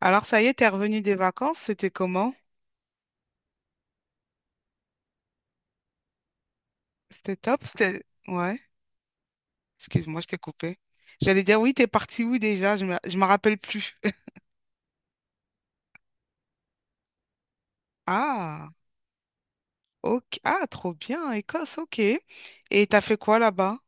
Alors, ça y est, t'es revenu des vacances, c'était comment? C'était top, c'était... Ouais, excuse-moi, je t'ai coupé. J'allais dire, oui, t'es parti où déjà? Je me... Je m'en rappelle plus. Ah, ok. Ah, trop bien, Écosse, ok. Et t'as fait quoi là-bas?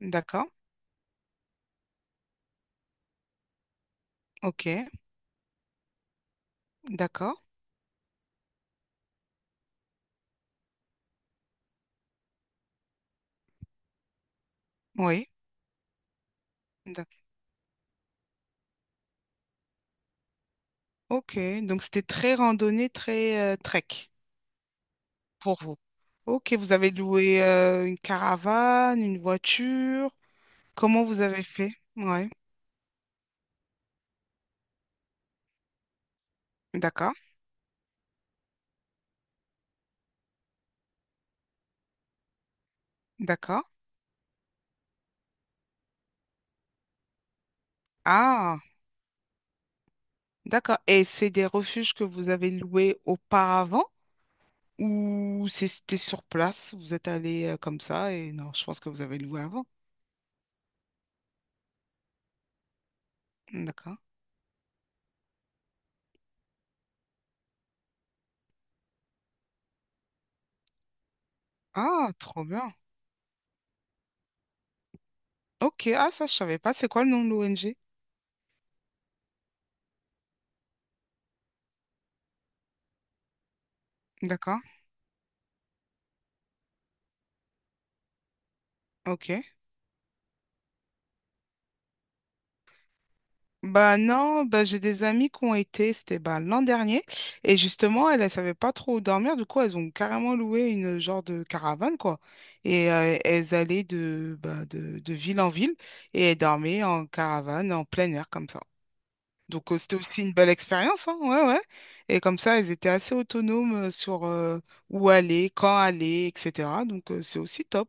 D'accord, ok, d'accord, oui. d'ac- Ok, donc c'était très randonnée, très trek pour vous. Ok, vous avez loué une caravane, une voiture. Comment vous avez fait? Ouais, d'accord, d'accord. Ah. D'accord. Et c'est des refuges que vous avez loués auparavant ou c'était sur place? Vous êtes allé comme ça et non, je pense que vous avez loué avant. D'accord. Ah, trop bien. Ok, ah ça je savais pas. C'est quoi le nom de l'ONG? D'accord. Ok. Bah non, bah j'ai des amis qui ont été, c'était bah, l'an dernier, et justement, elles ne savaient pas trop où dormir, du coup, elles ont carrément loué une genre de caravane, quoi. Et elles allaient de ville en ville, et elles dormaient en caravane, en plein air, comme ça. Donc, c'était aussi une belle expérience, hein, ouais, ouais. Et comme ça, ils étaient assez autonomes sur où aller, quand aller, etc. Donc, c'est aussi top.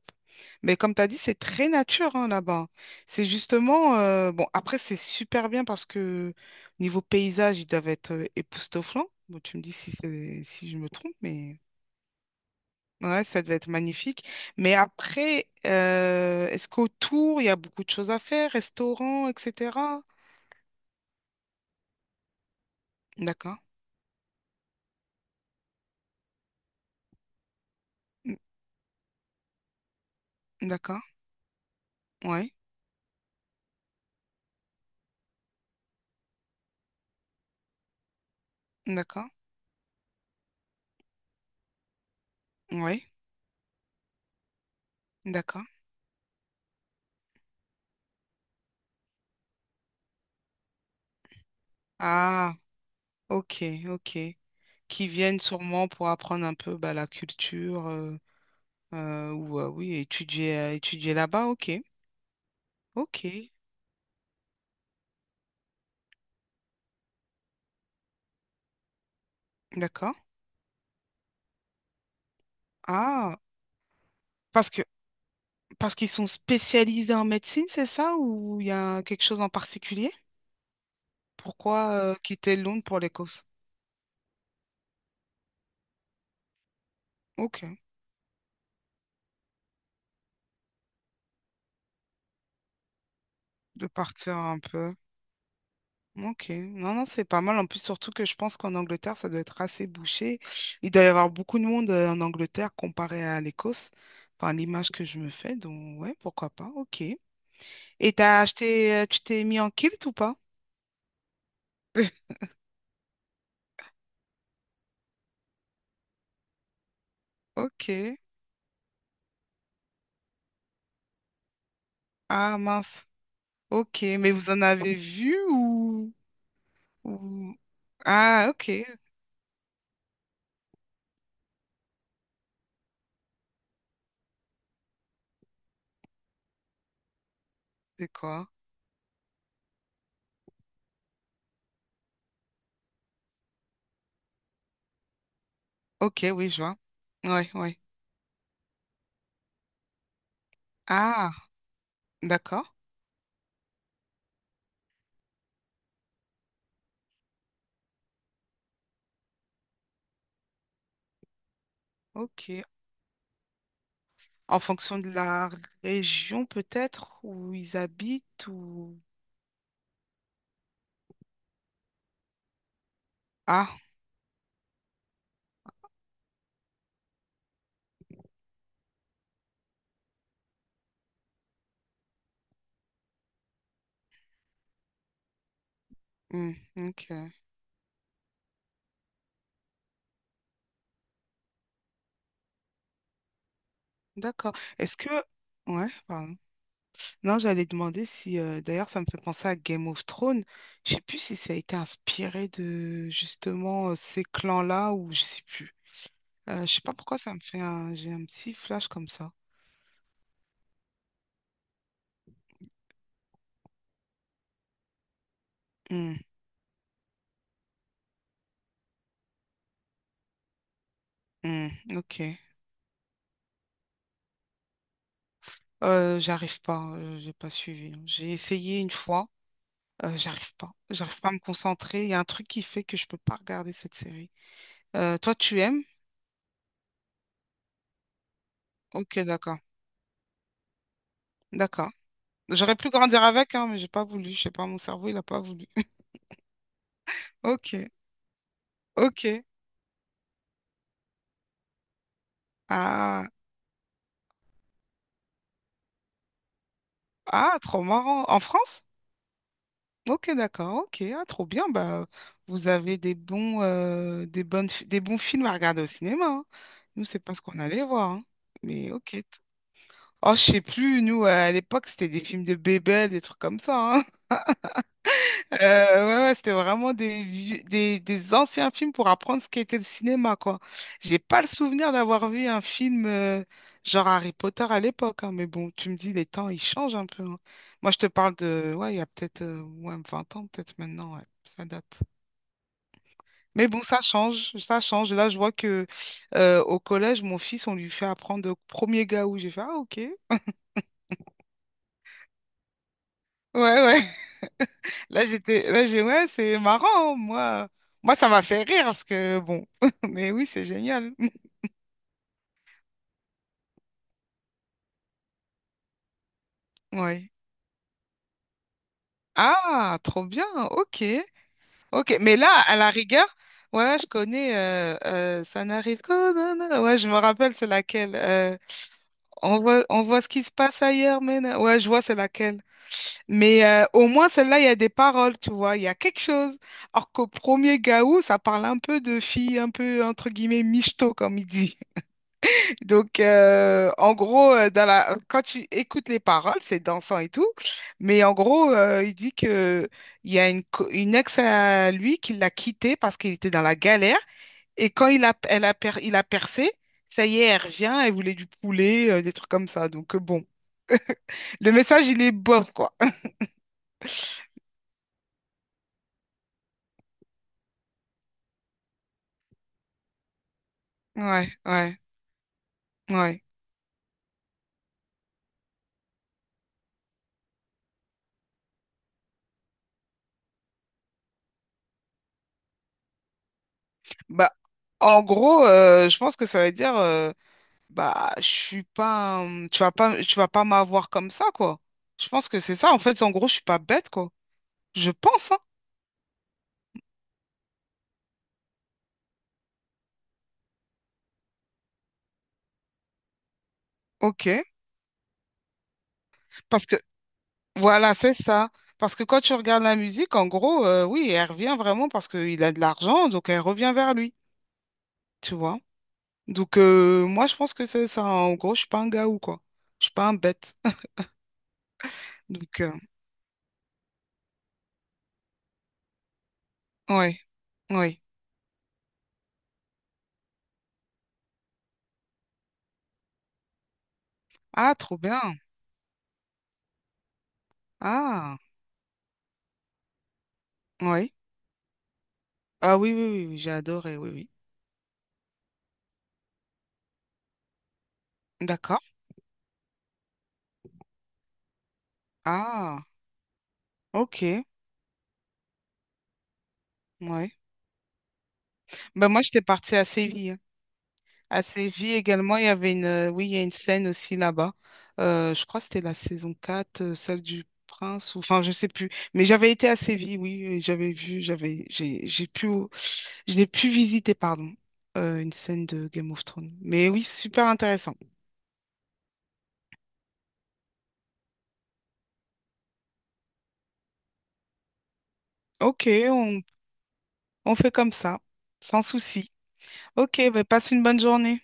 Mais comme tu as dit, c'est très nature hein, là-bas. C'est justement, bon, après, c'est super bien parce que niveau paysage, ils doivent être époustouflants. Bon, tu me dis si je me trompe, mais ouais, ça devait être magnifique. Mais après, est-ce qu'autour, il y a beaucoup de choses à faire, restaurants, etc. D'accord, Mm, d'accord, ouais. D'accord. Oui, d'accord. Ah, ok, ok. Qui viennent sûrement pour apprendre un peu bah, la culture ou oui, étudier, étudier là-bas. Ok, ok, d'accord. Ah, parce que parce qu'ils sont spécialisés en médecine, c'est ça? Ou il y a quelque chose en particulier? Pourquoi quitter Londres pour l'Écosse? Ok, de partir un peu. Ok, non, non, c'est pas mal. En plus, surtout que je pense qu'en Angleterre, ça doit être assez bouché. Il doit y avoir beaucoup de monde en Angleterre comparé à l'Écosse. Enfin, l'image que je me fais. Donc, ouais, pourquoi pas. Ok. Et t'as acheté, tu t'es mis en kilt ou pas? Ok. Ah, mince. Ok, mais vous en avez vu ou... ou- Ah, ok. C'est quoi? Ok, oui, je vois. Ouais, ouais. Ah, d'accord. Ok. En fonction de la région peut-être où ils habitent ou... Ah, hmm, ok, d'accord. Est-ce que... Ouais, pardon. Non, j'allais demander si... D'ailleurs, ça me fait penser à Game of Thrones. Je sais plus si ça a été inspiré de justement ces clans-là ou je sais plus. Je sais pas pourquoi ça me fait un... J'ai un petit flash comme ça. Hmm, hmm, ok. J'ai pas suivi. J'ai essayé une fois, j'arrive pas. J'arrive pas à me concentrer. Il y a un truc qui fait que je peux pas regarder cette série. Toi, tu aimes? Ok, d'accord. D'accord. J'aurais pu grandir avec, hein, mais j'ai pas voulu. Je sais pas, mon cerveau, il a pas voulu. Ok, ok. Ah, ah, trop marrant. En France? Ok, d'accord. Ok, ah, trop bien. Bah, vous avez des bons, des bons films à regarder au cinéma, hein. Nous, c'est pas ce qu'on allait voir, hein. Mais ok. Oh, je sais plus. Nous, à l'époque, c'était des films de bébés, des trucs comme ça, hein. Ouais, ouais, c'était vraiment des anciens films pour apprendre ce qu'était le cinéma, quoi. J'ai pas le souvenir d'avoir vu un film genre Harry Potter à l'époque, hein, mais bon, tu me dis, les temps, ils changent un peu, hein. Moi, je te parle de, ouais, il y a peut-être ouais, 20 ans, peut-être maintenant, ouais, ça date. Mais bon, ça change, ça change. Là, je vois que au collège, mon fils, on lui fait apprendre au premier gars où j'ai fait, ah, ok. Ouais. Ouais, là, ouais, c'est marrant, hein, moi. Moi, ça m'a fait rire parce que, bon, mais oui, c'est génial. Ouais. Ah, trop bien, ok. Ok, mais là, à la rigueur, ouais, je connais, ça n'arrive que, non, non. Ouais, je me rappelle, c'est laquelle. On voit, on voit ce qui se passe ailleurs, mais non. Ouais, je vois, c'est laquelle. Mais au moins, celle-là, il y a des paroles, tu vois, il y a quelque chose. Alors qu'au premier Gaou, ça parle un peu de filles, un peu, entre guillemets, michto, comme il dit. Donc, en gros, dans la... quand tu écoutes les paroles, c'est dansant et tout, mais en gros, il dit que il y a une, co- une ex à lui qui l'a quitté parce qu'il était dans la galère, et elle a il a percé, ça y est, elle revient, elle voulait du poulet, des trucs comme ça. Donc, bon, le message, il est bof, quoi. Ouais, ouais, ouais. Bah, en gros, je pense que ça veut dire. Bah, je suis pas. Un- tu vas pas, tu vas pas m'avoir comme ça, quoi. Je pense que c'est ça. En fait, en gros, je suis pas bête, quoi. Je pense, hein. Ok. Parce que, voilà, c'est ça. Parce que quand tu regardes la musique, en gros, oui, elle revient vraiment parce qu'il a de l'argent, donc elle revient vers lui, tu vois. Donc, moi, je pense que c'est ça. En gros, je suis pas un gars ou quoi. Je suis pas un bête. Donc, ouais, ouais. Ah, trop bien. Ah, ouais. Ah, oui, oui, oui, oui, j'ai adoré, oui, oui. D'accord. Ah, ok, ouais. Ben moi, j'étais partie à Séville, hein. À Séville également, il y avait une, oui, il y a une scène aussi là-bas. Je crois que c'était la saison 4, celle du Prince, ou enfin, je sais plus. Mais j'avais été à Séville, oui, et j'avais vu, j'avais, j'ai pu, je l'ai pu visiter, pardon, une scène de Game of Thrones. Mais oui, super intéressant. Ok, on fait comme ça, sans souci. Ok, ben passe une bonne journée.